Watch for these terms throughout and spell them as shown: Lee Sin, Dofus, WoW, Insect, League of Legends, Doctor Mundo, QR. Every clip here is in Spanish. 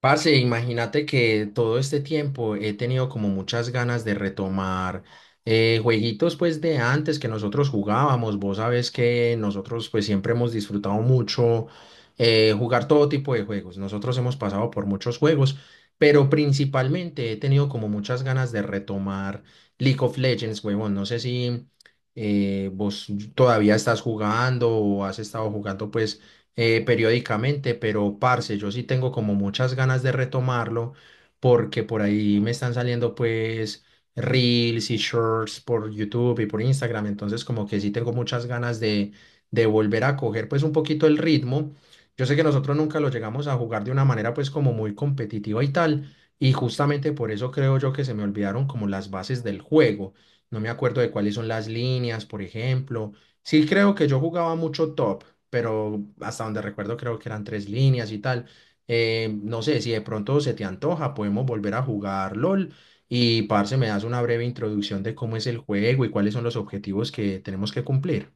Parce, imagínate que todo este tiempo he tenido como muchas ganas de retomar jueguitos pues de antes que nosotros jugábamos. Vos sabés que nosotros pues siempre hemos disfrutado mucho jugar todo tipo de juegos. Nosotros hemos pasado por muchos juegos, pero principalmente he tenido como muchas ganas de retomar League of Legends, huevón. No sé si vos todavía estás jugando o has estado jugando pues periódicamente, pero parce, yo sí tengo como muchas ganas de retomarlo porque por ahí me están saliendo pues reels y shorts por YouTube y por Instagram, entonces como que sí tengo muchas ganas de volver a coger pues un poquito el ritmo. Yo sé que nosotros nunca lo llegamos a jugar de una manera pues como muy competitiva y tal, y justamente por eso creo yo que se me olvidaron como las bases del juego. No me acuerdo de cuáles son las líneas, por ejemplo. Sí creo que yo jugaba mucho top, pero hasta donde recuerdo creo que eran tres líneas y tal. No sé, si de pronto se te antoja, podemos volver a jugar LOL y, parce, me das una breve introducción de cómo es el juego y cuáles son los objetivos que tenemos que cumplir.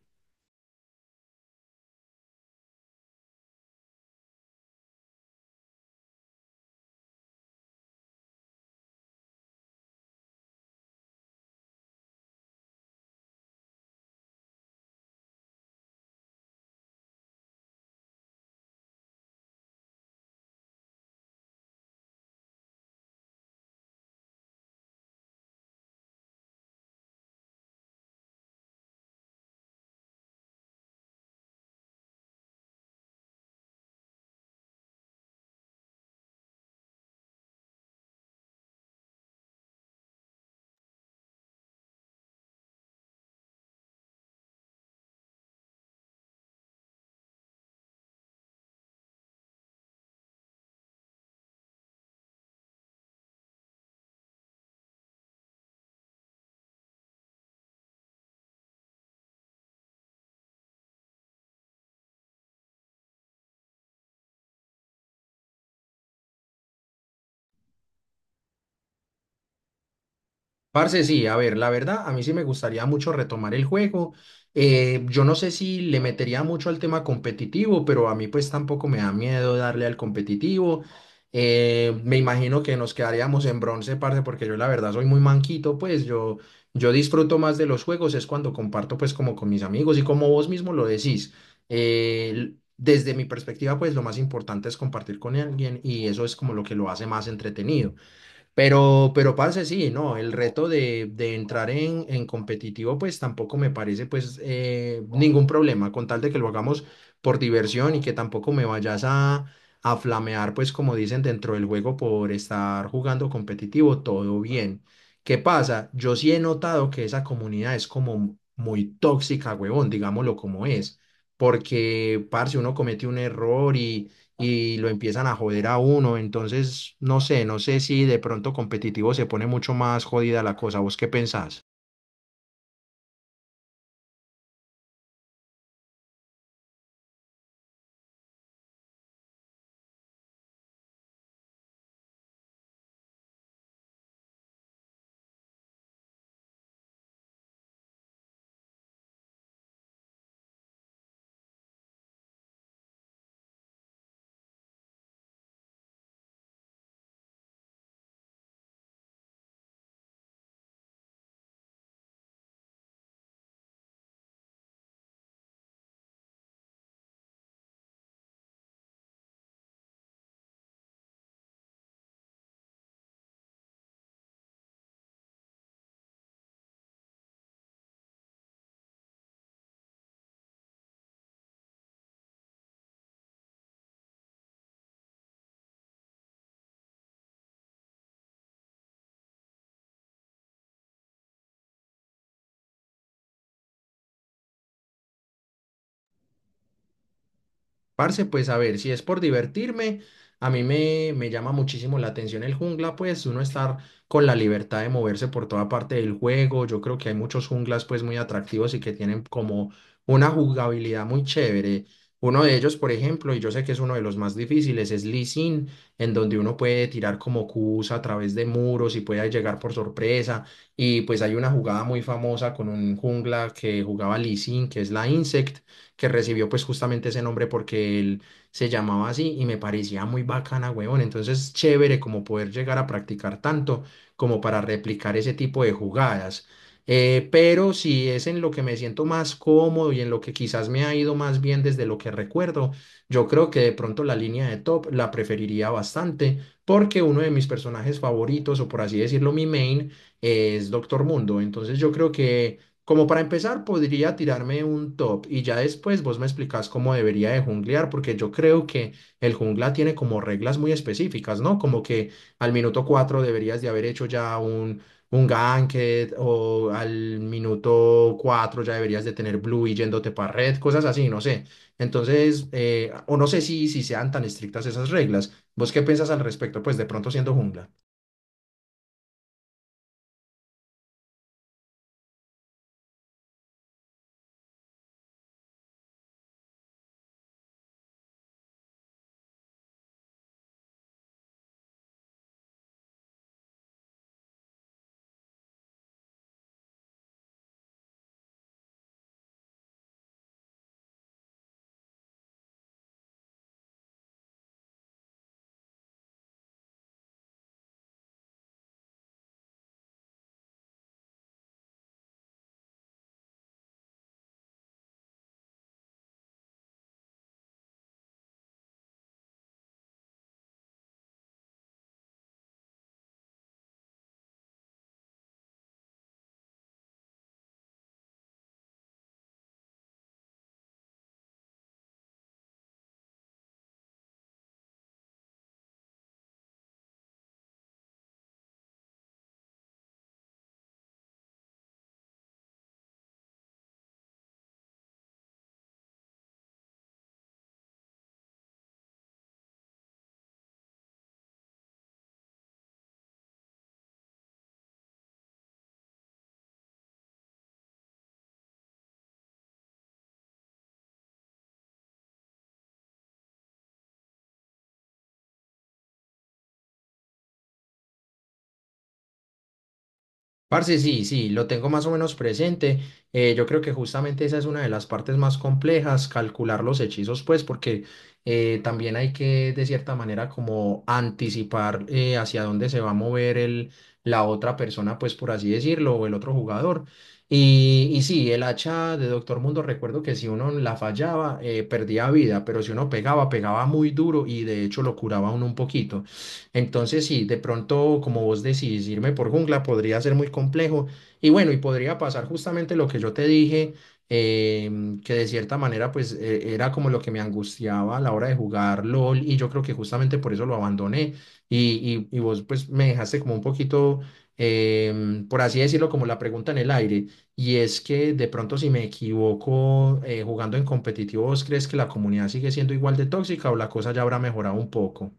Parce, sí, a ver, la verdad, a mí sí me gustaría mucho retomar el juego. Yo no sé si le metería mucho al tema competitivo, pero a mí pues tampoco me da miedo darle al competitivo. Me imagino que nos quedaríamos en bronce, parce, porque yo la verdad soy muy manquito, pues yo disfruto más de los juegos, es cuando comparto pues como con mis amigos y como vos mismo lo decís. Desde mi perspectiva, pues lo más importante es compartir con alguien y eso es como lo que lo hace más entretenido. Pero parce, sí, no, el reto de entrar en competitivo, pues tampoco me parece pues ningún problema, con tal de que lo hagamos por diversión y que tampoco me vayas a flamear, pues como dicen dentro del juego por estar jugando competitivo, todo bien. ¿Qué pasa? Yo sí he notado que esa comunidad es como muy tóxica, huevón, digámoslo como es, porque, parce, uno comete un error y lo empiezan a joder a uno. Entonces, no sé, no sé si de pronto competitivo se pone mucho más jodida la cosa. ¿Vos qué pensás? Parce, pues a ver, si es por divertirme, a mí me llama muchísimo la atención el jungla, pues uno estar con la libertad de moverse por toda parte del juego. Yo creo que hay muchos junglas pues muy atractivos y que tienen como una jugabilidad muy chévere. Uno de ellos, por ejemplo, y yo sé que es uno de los más difíciles, es Lee Sin, en donde uno puede tirar como Qs a través de muros y puede llegar por sorpresa. Y pues hay una jugada muy famosa con un jungla que jugaba Lee Sin, que es la Insect que recibió pues justamente ese nombre porque él se llamaba así y me parecía muy bacana, huevón. Entonces, chévere como poder llegar a practicar tanto como para replicar ese tipo de jugadas. Pero si es en lo que me siento más cómodo y en lo que quizás me ha ido más bien desde lo que recuerdo, yo creo que de pronto la línea de top la preferiría bastante porque uno de mis personajes favoritos, o por así decirlo, mi main, es Doctor Mundo. Entonces yo creo que como para empezar, podría tirarme un top y ya después vos me explicás cómo debería de junglear, porque yo creo que el jungla tiene como reglas muy específicas, ¿no? Como que al minuto 4 deberías de haber hecho ya un ganket o al minuto 4 ya deberías de tener blue y yéndote para red, cosas así, no sé. Entonces, o no sé si sean tan estrictas esas reglas. ¿Vos qué piensas al respecto? Pues de pronto siendo jungla. Parce, sí, sí, lo tengo más o menos presente. Yo creo que justamente esa es una de las partes más complejas, calcular los hechizos, pues, porque también hay que, de cierta manera, como anticipar hacia dónde se va a mover la otra persona, pues, por así decirlo, o el otro jugador. Sí, el hacha de Doctor Mundo, recuerdo que si uno la fallaba, perdía vida, pero si uno pegaba, pegaba muy duro y de hecho lo curaba a uno un poquito. Entonces, sí, de pronto, como vos decís, irme por jungla podría ser muy complejo. Y bueno, y podría pasar justamente lo que yo te dije, que de cierta manera, pues era como lo que me angustiaba a la hora de jugar LOL. Y yo creo que justamente por eso lo abandoné. Y vos, pues, me dejaste como un poquito, por así decirlo, como la pregunta en el aire. Y es que de pronto, si me equivoco jugando en competitivo, ¿vos crees que la comunidad sigue siendo igual de tóxica o la cosa ya habrá mejorado un poco?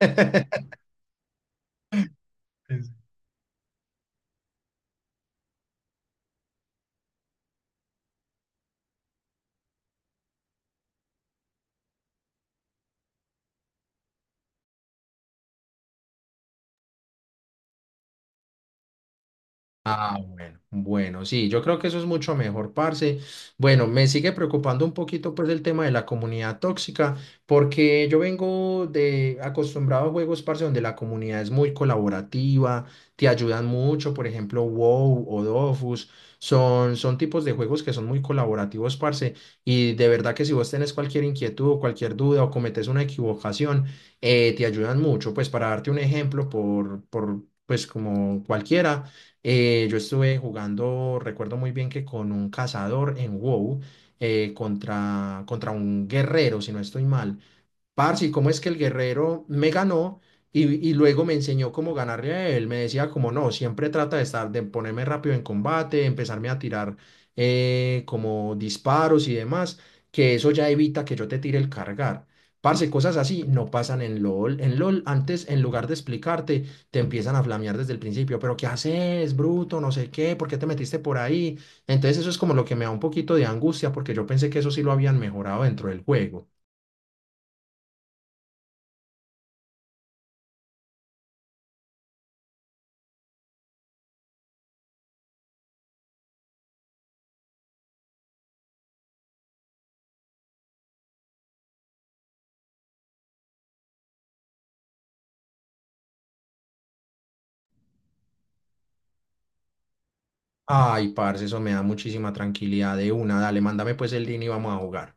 Ah, bueno, bueno, sí, yo creo que eso es mucho mejor, parce. Bueno, me sigue preocupando un poquito pues el tema de la comunidad tóxica, porque yo vengo de acostumbrado a juegos, parce, donde la comunidad es muy colaborativa, te ayudan mucho, por ejemplo, WoW o Dofus, son tipos de juegos que son muy colaborativos, parce, y de verdad que si vos tenés cualquier inquietud o cualquier duda o cometes una equivocación, te ayudan mucho, pues para darte un ejemplo por pues como cualquiera. Yo estuve jugando, recuerdo muy bien que con un cazador en WoW contra un guerrero, si no estoy mal parce, ¿cómo es que el guerrero me ganó? Luego me enseñó cómo ganarle a él. Me decía como no, siempre trata de estar, de ponerme rápido en combate, empezarme a tirar como disparos y demás, que eso ya evita que yo te tire el cargar. Parce, cosas así no pasan en LOL. En LOL, antes, en lugar de explicarte, te empiezan a flamear desde el principio. Pero, ¿qué haces, bruto? No sé qué, ¿por qué te metiste por ahí? Entonces, eso es como lo que me da un poquito de angustia, porque yo pensé que eso sí lo habían mejorado dentro del juego. Ay, parce, eso me da muchísima tranquilidad de una. Dale, mándame pues el link y vamos a jugar.